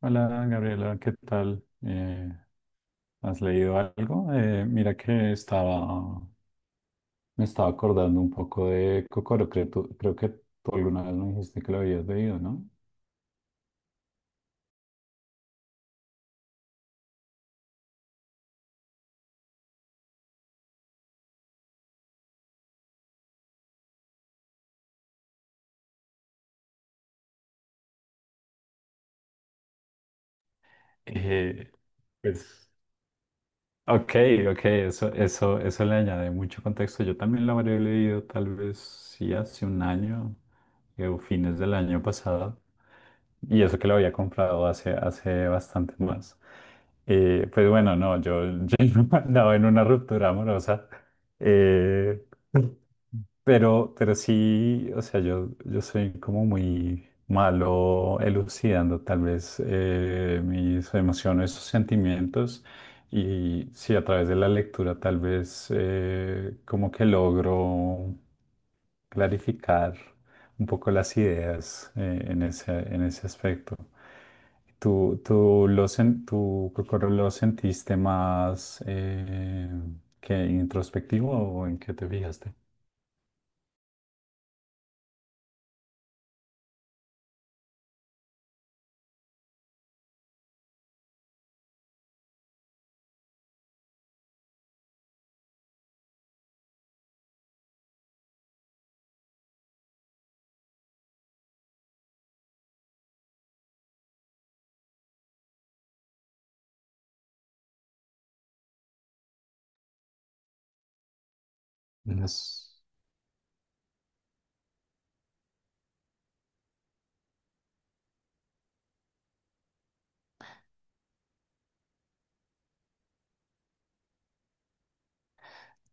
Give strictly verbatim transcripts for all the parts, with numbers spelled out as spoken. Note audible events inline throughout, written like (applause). Hola Gabriela, ¿qué tal? Eh, ¿has leído algo? Eh, mira que estaba, me estaba acordando un poco de Kokoro, creo, tú- creo que tú alguna vez me dijiste que lo habías leído, ¿no? Eh, pues, ok, ok, eso, eso, eso le añade mucho contexto. Yo también lo habré leído tal vez sí hace un año eh, o fines del año pasado. Y eso que lo había comprado hace, hace bastante más. Eh, pues bueno, no, yo, (laughs) yo no andaba en una ruptura amorosa, eh, pero, pero sí, o sea, yo, yo soy como muy malo elucidando tal vez eh, mis emociones, sus sentimientos, y sí, a través de la lectura tal vez eh, como que logro clarificar un poco las ideas eh, en ese, en ese aspecto. Tú, tú, lo, sen- tú creo que lo sentiste más eh, ¿que introspectivo o en qué te fijaste? Ujú.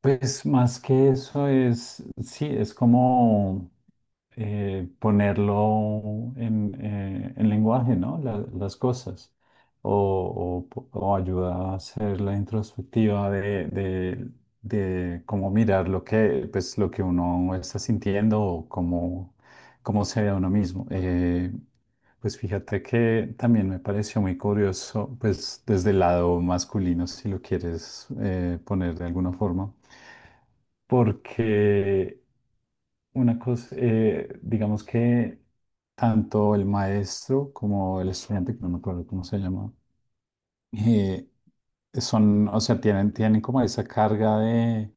Pues más que eso es, sí, es como... eh, ponerlo en, eh, en lenguaje, ¿no? La- las cosas. O, o, po- o ayuda a hacer la introspectiva de, de, de cómo mirar lo que, pues, lo que uno está sintiendo o cómo, cómo se ve a uno mismo. Eh, pues fíjate que también me pareció muy curioso, pues desde el lado masculino, si lo quieres eh, poner de alguna forma, porque una cosa, eh, digamos que tanto el maestro como el estudiante, que no me acuerdo cómo se llama, eh, son, o sea, tienen, tienen como esa carga de,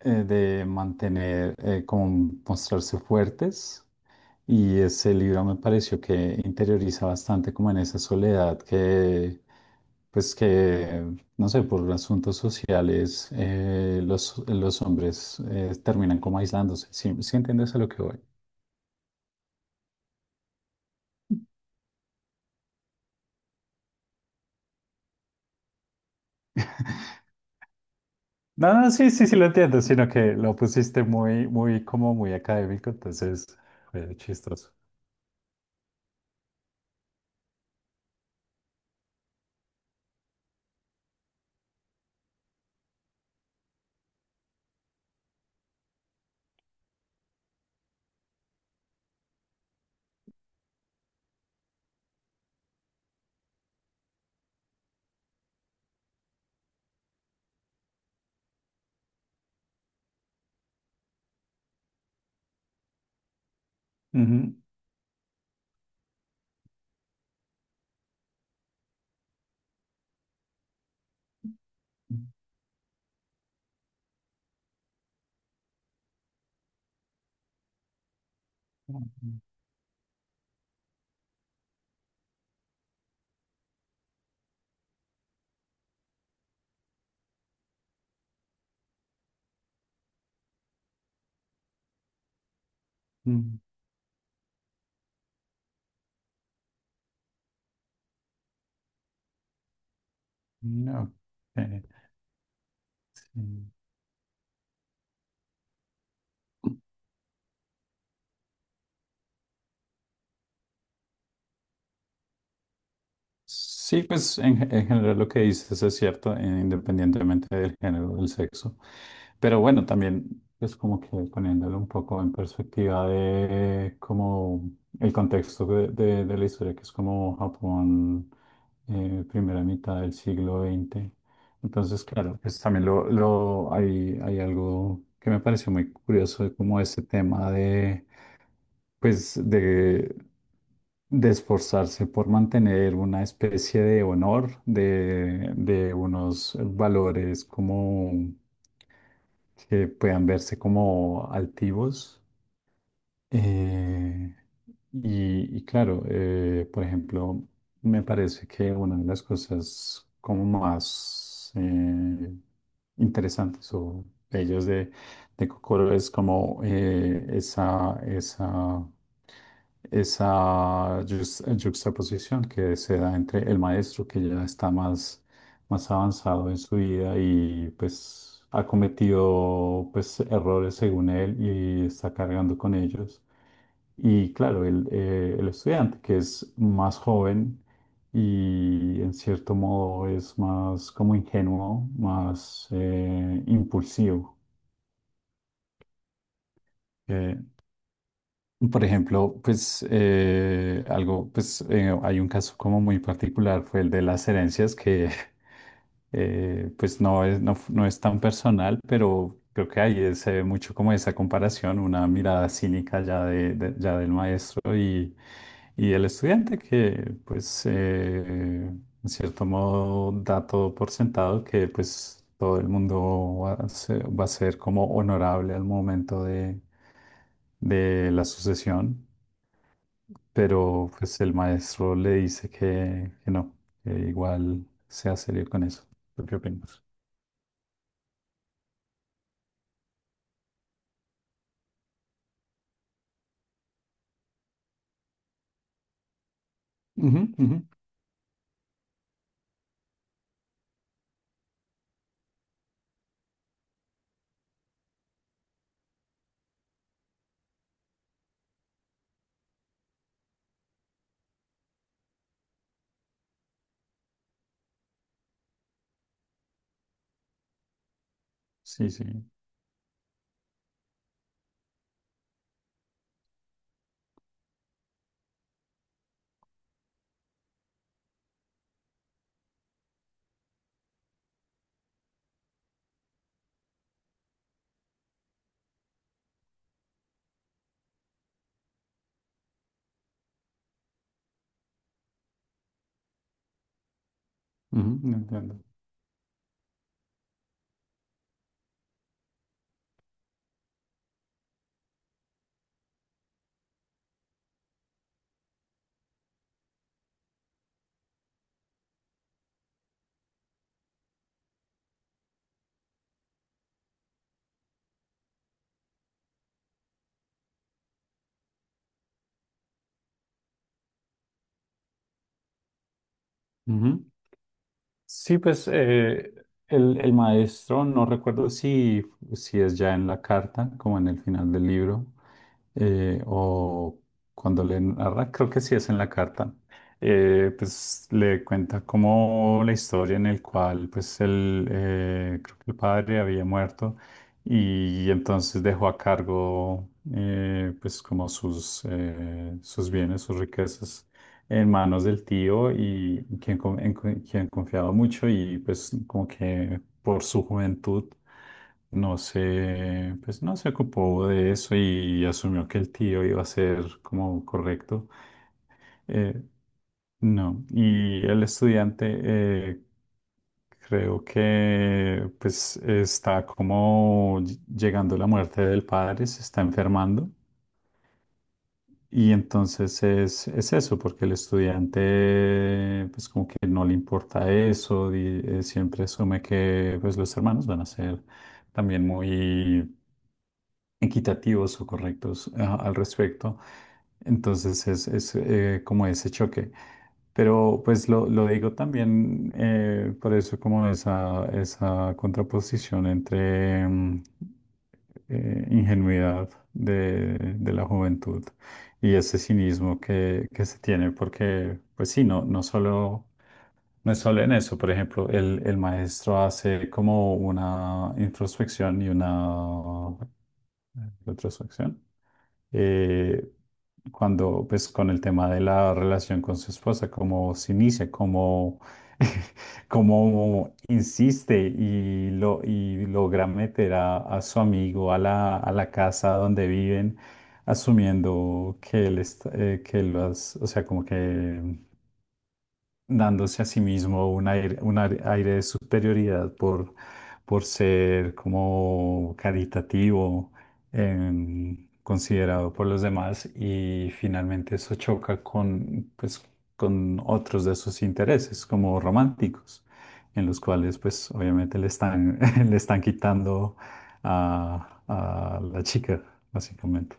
eh, de mantener, eh, como mostrarse fuertes. Y ese libro me pareció que interioriza bastante como en esa soledad que, pues que, no sé, por asuntos sociales, eh, los, los hombres eh, terminan como aislándose. ¿Sí, sí entiendes a lo que voy? No, sí, sí, sí lo entiendo, sino que lo pusiste muy, muy, como muy académico, entonces fue chistoso. Ujú. Mm, mm, mm, ok, sí. Sí, pues en, ge- en general lo que dices es cierto, eh, independientemente del género, o del sexo. Pero bueno, también es como que poniéndolo un poco en perspectiva de como el contexto de, de- de la historia, que es como Japón, eh, primera mitad del siglo veinte. Entonces, claro, pues también lo, lo, hay, hay algo que me pareció muy curioso, de como ese tema pues de, de esforzarse por mantener una especie de honor, de, de unos valores como que puedan verse como altivos. Eh, y, y claro, eh, por ejemplo, me parece que una de las cosas como más eh, interesantes o bellas de, de Kokoro es como eh, esa, esa esa yux- yuxtaposición que se da entre el maestro que ya está más, más avanzado en su vida y pues ha cometido pues errores según él y está cargando con ellos. Y claro, el, eh, el estudiante que es más joven y en cierto modo es más como ingenuo, más eh, impulsivo. Por ejemplo, pues eh, algo, pues eh, hay un caso como muy particular, fue el de las herencias que (laughs) eh, pues no es, no, f- no es tan personal, pero creo que ahí se ve mucho como esa comparación, una mirada cínica ya, de, de- ya del maestro y, y el estudiante que pues eh, en cierto modo, da todo por sentado que pues todo el mundo va a ser, va a ser como honorable al momento de, de la sucesión, pero pues el maestro le dice que, que no, que igual sea serio con eso. ¿Tú qué opinas? Ujú, ujú. Sí, sí. Ujú, no entiendo. Ujú. Sí, pues eh, el, el maestro, no recuerdo si, si es ya en la carta, como en el final del libro, eh, o cuando le narra, creo que sí es en la carta, eh, pues le cuenta como la historia en el cual pues el, eh, creo que el padre había muerto y entonces dejó a cargo eh, pues como sus, eh, sus bienes, sus riquezas en manos del tío y quien, con- en cu- quien confiaba mucho y pues como que por su juventud no se, pues no se ocupó de eso y asumió que el tío iba a ser como correcto. Eh, no, y el estudiante eh, creo que pues está como ll- llegando la muerte del padre, se está enfermando y entonces es, es eso, porque el estudiante pues como que no le importa eso, y, eh, siempre asume que pues los hermanos van a ser también muy equitativos o correctos ah, al respecto. Entonces es, es, eh, como ese choque. Pero pues lo, lo digo también eh, por eso como esa, esa contraposición entre mm, eh, ingenuidad de, de la juventud y ese cinismo que, que se tiene, porque pues sí, no, no solo no es solo en eso, por ejemplo, el, el maestro hace como una introspección y una retrospección. eh, Cuando, pues, con el tema de la relación con su esposa, cómo se inicia, cómo, (laughs) cómo insiste y, lo, y logra meter a, a su amigo a la, a la casa donde viven, asumiendo que él está, eh, que él las- o sea, como que dándose a sí mismo un aire, un aire aire de superioridad por, por ser como caritativo, em, considerado por los demás y finalmente eso choca con, pues, con otros de sus intereses como románticos, en los cuales pues obviamente le están, (laughs) le están quitando a, a la chica, básicamente.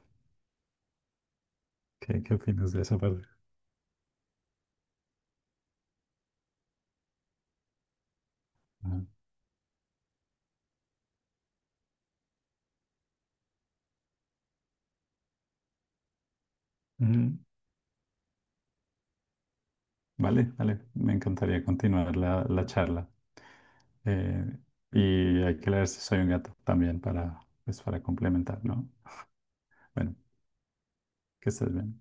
¿Qué, qué opinas de esa parte? Ajá. Ujú. Vale, vale, me encantaría continuar la, la charla. Eh, y hay que leer Si soy un gato también para, pues, para complementar, ¿no? Bueno, que estés bien.